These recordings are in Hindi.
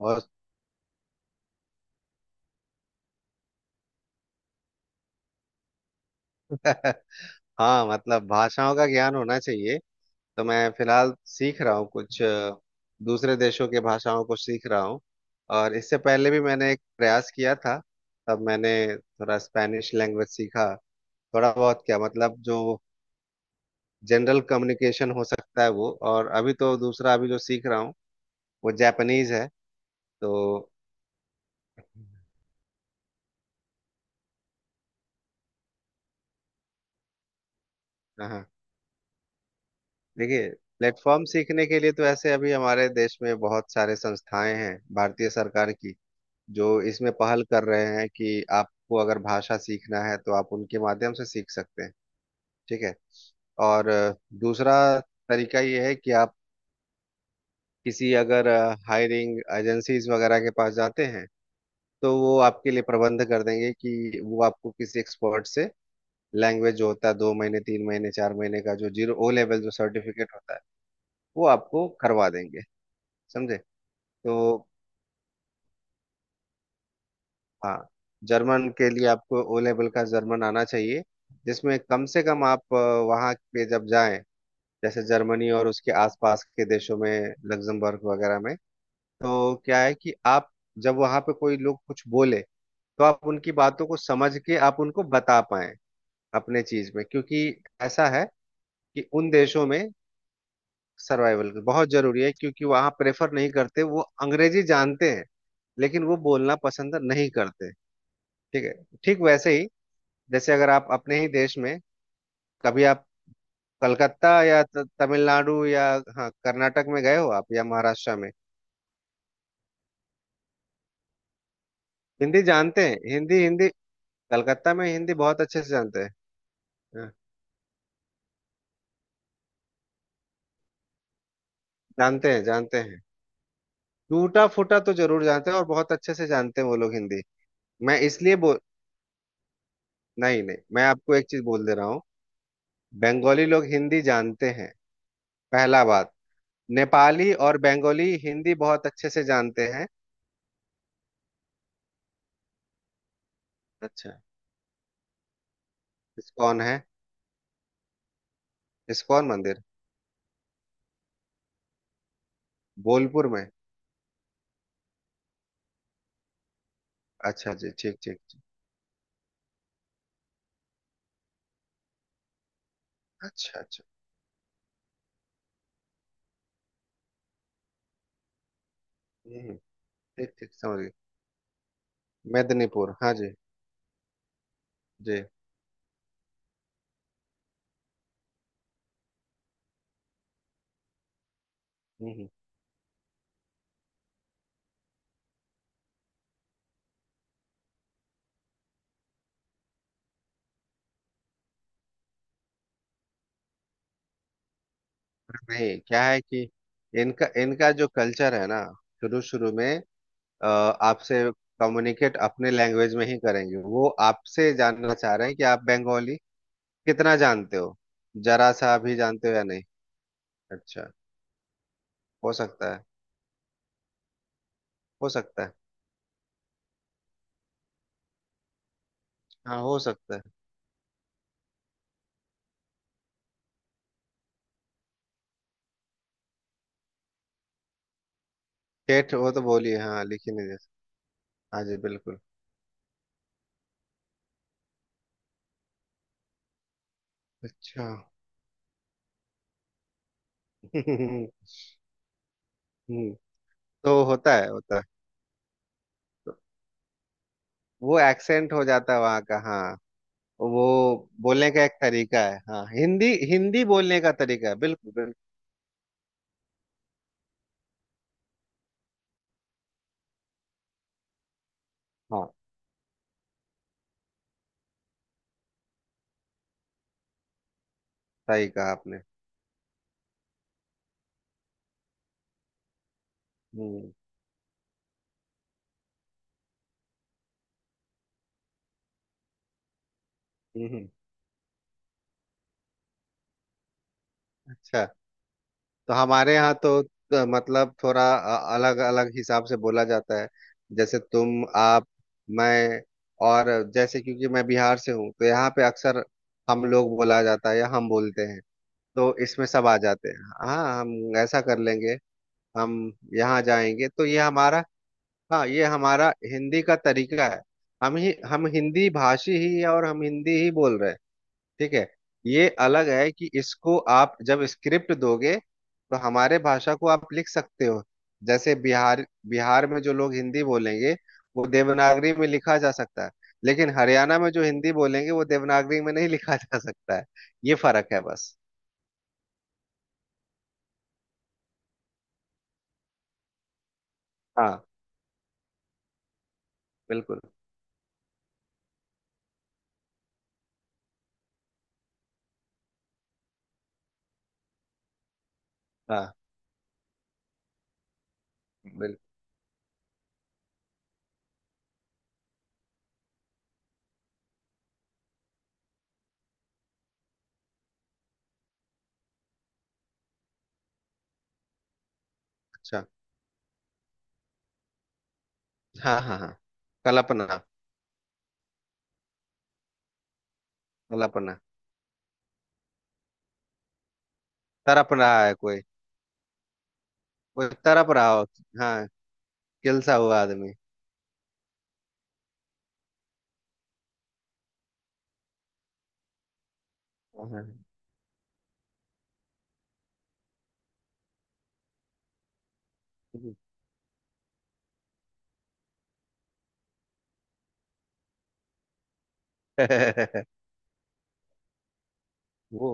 और हाँ मतलब भाषाओं का ज्ञान होना चाहिए। तो मैं फिलहाल सीख रहा हूँ कुछ दूसरे देशों के भाषाओं को सीख रहा हूँ। और इससे पहले भी मैंने एक प्रयास किया था, तब मैंने थोड़ा स्पेनिश लैंग्वेज सीखा। थोड़ा बहुत क्या, मतलब जो जनरल कम्युनिकेशन हो सकता है वो। और अभी तो दूसरा अभी जो सीख रहा हूँ वो जापानीज है। तो हाँ, देखिए, प्लेटफॉर्म सीखने के लिए तो ऐसे अभी हमारे देश में बहुत सारे संस्थाएं हैं भारतीय सरकार की, जो इसमें पहल कर रहे हैं कि आपको अगर भाषा सीखना है तो आप उनके माध्यम से सीख सकते हैं। ठीक है। और दूसरा तरीका ये है कि आप किसी अगर हायरिंग एजेंसीज वगैरह के पास जाते हैं तो वो आपके लिए प्रबंध कर देंगे कि वो आपको किसी एक्सपर्ट से लैंग्वेज जो होता है 2 महीने 3 महीने 4 महीने का जो जीरो ओ लेवल जो सर्टिफिकेट होता है वो आपको करवा देंगे। समझे। तो हाँ, जर्मन के लिए आपको ओ लेवल का जर्मन आना चाहिए, जिसमें कम से कम आप वहाँ पे जब जाएं, जैसे जर्मनी और उसके आसपास के देशों में, लग्जमबर्ग वगैरह में, तो क्या है कि आप जब वहाँ पे कोई लोग कुछ बोले तो आप उनकी बातों को समझ के आप उनको बता पाएं अपने चीज में। क्योंकि ऐसा है कि उन देशों में सर्वाइवल बहुत जरूरी है, क्योंकि वहाँ प्रेफर नहीं करते। वो अंग्रेजी जानते हैं लेकिन वो बोलना पसंद नहीं करते। ठीक है। ठीक वैसे ही, जैसे अगर आप अपने ही देश में कभी आप कलकत्ता या तमिलनाडु या हाँ कर्नाटक में गए हो आप, या महाराष्ट्र में। हिंदी जानते हैं, हिंदी हिंदी। कलकत्ता में हिंदी बहुत अच्छे से जानते हैं। हाँ, जानते हैं जानते हैं, टूटा फूटा तो जरूर जानते हैं, और बहुत अच्छे से जानते हैं वो लोग हिंदी। मैं इसलिए बोल, नहीं नहीं, मैं आपको एक चीज बोल दे रहा हूँ, बंगाली लोग हिंदी जानते हैं। पहला बात, नेपाली और बंगाली हिंदी बहुत अच्छे से जानते हैं। अच्छा। इस्कॉन है। इस्कॉन मंदिर बोलपुर में। अच्छा जी, ठीक ठीक ठीक। अच्छा अच्छा। हम्म, ठीक ठीक समझ गए। मेदिनीपुर, हाँ जी। जी। हम्म हम्म। नहीं, क्या है कि इनका इनका जो कल्चर है ना, शुरू शुरू में आपसे कम्युनिकेट अपने लैंग्वेज में ही करेंगे। वो आपसे जानना चाह रहे हैं कि आप बंगाली कितना जानते हो, जरा सा भी जानते हो या नहीं। अच्छा। हो सकता है, हो सकता है। हाँ हो सकता है। ठेठ वो तो बोली है, हाँ लिखी नहीं, जैसे। हाँ जी बिल्कुल। अच्छा। हम्म, तो होता है, होता है। वो एक्सेंट हो जाता है वहाँ का, हाँ। वो बोलने का एक तरीका है, हाँ, हिंदी हिंदी बोलने का तरीका है, बिल्कुल बिल्कुल। हाँ सही कहा आपने। हम्म हम्म। अच्छा। तो हमारे यहाँ तो मतलब थोड़ा अलग अलग हिसाब से बोला जाता है। जैसे तुम, आप, मैं। और जैसे क्योंकि मैं बिहार से हूँ, तो यहाँ पे अक्सर हम लोग बोला जाता है, या हम बोलते हैं। तो इसमें सब आ जाते हैं। हाँ, हम ऐसा कर लेंगे, हम यहाँ जाएंगे, तो ये हमारा, हाँ, ये हमारा हिंदी का तरीका है। हम ही, हम हिंदी भाषी ही है और हम हिंदी ही बोल रहे हैं। ठीक है। ये अलग है कि इसको आप जब स्क्रिप्ट दोगे, तो हमारे भाषा को आप लिख सकते हो। जैसे बिहार, बिहार में जो लोग हिंदी बोलेंगे वो देवनागरी में लिखा जा सकता है, लेकिन हरियाणा में जो हिंदी बोलेंगे वो देवनागरी में नहीं लिखा जा सकता है। ये फर्क है बस। हाँ बिल्कुल। हाँ बिल्कुल। अच्छा। हाँ हाँ हाँ। कल्पना। कल्पना तड़प रहा है कोई। वो तड़प रहा हो, हाँ। किलसा हुआ आदमी। हाँ। वो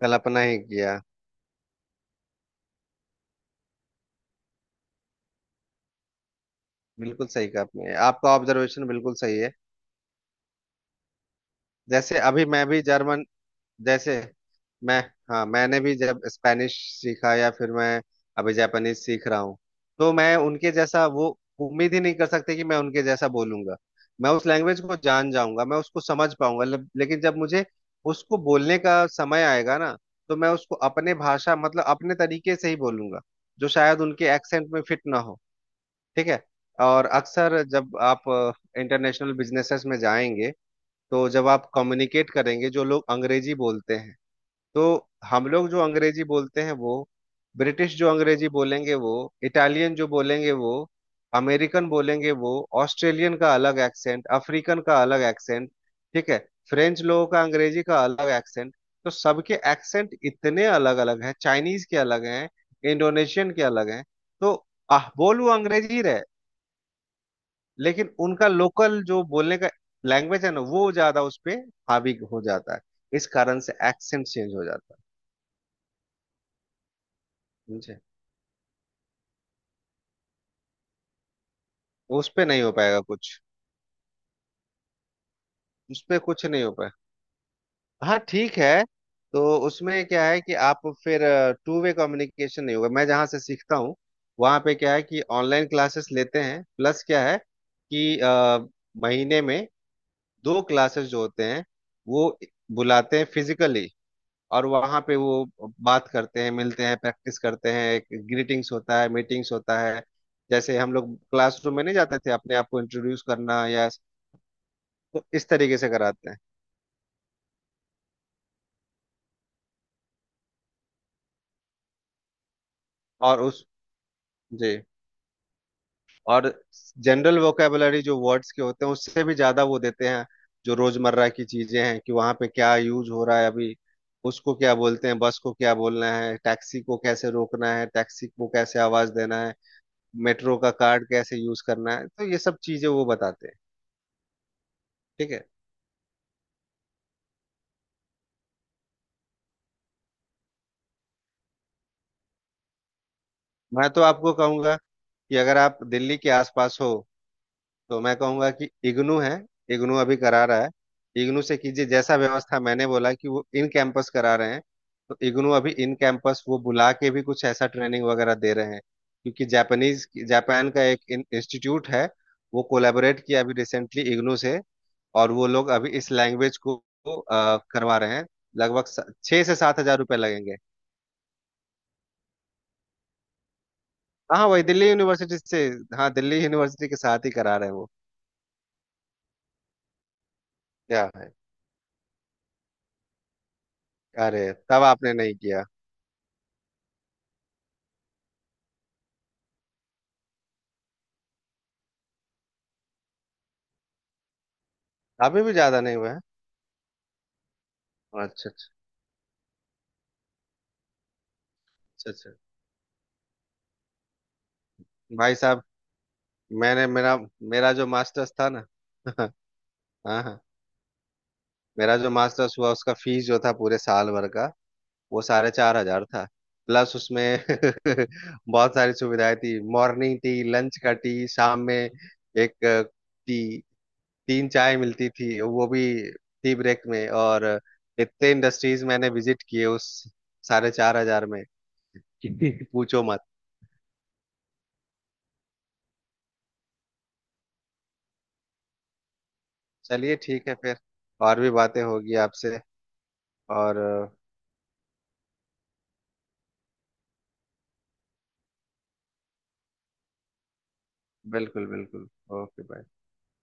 कल्पना ही किया। बिल्कुल सही कहा आपने, आपका ऑब्जर्वेशन बिल्कुल सही है। जैसे अभी मैं भी जर्मन, जैसे मैं, हाँ मैंने भी जब स्पेनिश सीखा, या फिर मैं अभी जापानीज सीख रहा हूँ, तो मैं उनके जैसा, वो उम्मीद ही नहीं कर सकते कि मैं उनके जैसा बोलूंगा। मैं उस लैंग्वेज को जान जाऊंगा, मैं उसको समझ पाऊंगा, लेकिन जब मुझे उसको बोलने का समय आएगा ना, तो मैं उसको अपने भाषा, मतलब अपने तरीके से ही बोलूंगा, जो शायद उनके एक्सेंट में फिट ना हो। ठीक है। और अक्सर जब आप इंटरनेशनल बिजनेसेस में जाएंगे, तो जब आप कम्युनिकेट करेंगे जो लोग अंग्रेजी बोलते हैं, तो हम लोग जो अंग्रेजी बोलते हैं वो, ब्रिटिश जो अंग्रेजी बोलेंगे वो, इटालियन जो बोलेंगे वो, अमेरिकन बोलेंगे वो, ऑस्ट्रेलियन का अलग एक्सेंट, अफ्रीकन का अलग एक्सेंट, ठीक है, फ्रेंच लोगों का अंग्रेजी का अलग एक्सेंट। तो सबके एक्सेंट इतने अलग अलग हैं, चाइनीज के अलग हैं, इंडोनेशियन के अलग हैं। तो आह, बोल वो अंग्रेजी ही रहे, लेकिन उनका लोकल जो बोलने का लैंग्वेज है ना, वो ज्यादा उस पे हावी हो जाता है। इस कारण से एक्सेंट चेंज हो जाता है। समझे? उस पे नहीं हो पाएगा कुछ, उस पे कुछ नहीं हो पाएगा। हाँ ठीक है। तो उसमें क्या है कि आप फिर टू वे कम्युनिकेशन नहीं होगा। मैं जहाँ से सीखता हूँ वहाँ पे क्या है कि ऑनलाइन क्लासेस लेते हैं, प्लस क्या है कि महीने में दो क्लासेस जो होते हैं, वो बुलाते हैं फिजिकली। और वहाँ पे वो बात करते हैं, मिलते हैं, प्रैक्टिस करते हैं। ग्रीटिंग्स होता है, मीटिंग्स होता है, जैसे हम लोग क्लासरूम में नहीं जाते थे अपने आप को इंट्रोड्यूस करना, या तो इस तरीके से कराते हैं। और उस, जी, और जनरल वोकेबलरी जो वर्ड्स के होते हैं उससे भी ज्यादा वो देते हैं, जो रोजमर्रा की चीजें हैं, कि वहां पे क्या यूज हो रहा है अभी, उसको क्या बोलते हैं, बस को क्या बोलना है, टैक्सी को कैसे रोकना है, टैक्सी को कैसे आवाज देना है, मेट्रो का कार्ड कैसे यूज करना है। तो ये सब चीजें वो बताते हैं। ठीक है। मैं तो आपको कहूंगा कि अगर आप दिल्ली के आसपास हो, तो मैं कहूंगा कि इग्नू है। इग्नू अभी करा रहा है। इग्नू से कीजिए, जैसा व्यवस्था मैंने बोला कि वो इन कैंपस करा रहे हैं। तो इग्नू अभी इन कैंपस वो बुला के भी कुछ ऐसा ट्रेनिंग वगैरह दे रहे हैं, क्योंकि जापानीज, जापान का एक इंस्टीट्यूट है, वो कोलैबोरेट किया अभी रिसेंटली इग्नू से। और वो लोग अभी इस लैंग्वेज को करवा रहे हैं। लगभग 6 से 7 हजार रुपये लगेंगे। हाँ हाँ, वही दिल्ली यूनिवर्सिटी से। हाँ, दिल्ली यूनिवर्सिटी के साथ ही करा रहे हैं वो। क्या है। अरे, तब आपने नहीं किया। अभी भी ज्यादा नहीं हुआ है। अच्छा अच्छा। अच्छा अच्छा। भाई साहब, मैंने मेरा, जो मास्टर्स था ना हाँ हाँ। मेरा जो मास्टर्स हुआ उसका फीस जो था पूरे साल भर का, वो साढ़े चार हजार था। प्लस उसमें बहुत सारी सुविधाएं थी, मॉर्निंग टी, लंच का टी, शाम में एक टी, तीन चाय मिलती थी वो भी टी ब्रेक में। और इतने इंडस्ट्रीज मैंने विजिट किए उस 4,500 में कि पूछो। चलिए ठीक है, फिर और भी बातें होगी आपसे। और बिल्कुल बिल्कुल। Okay bye.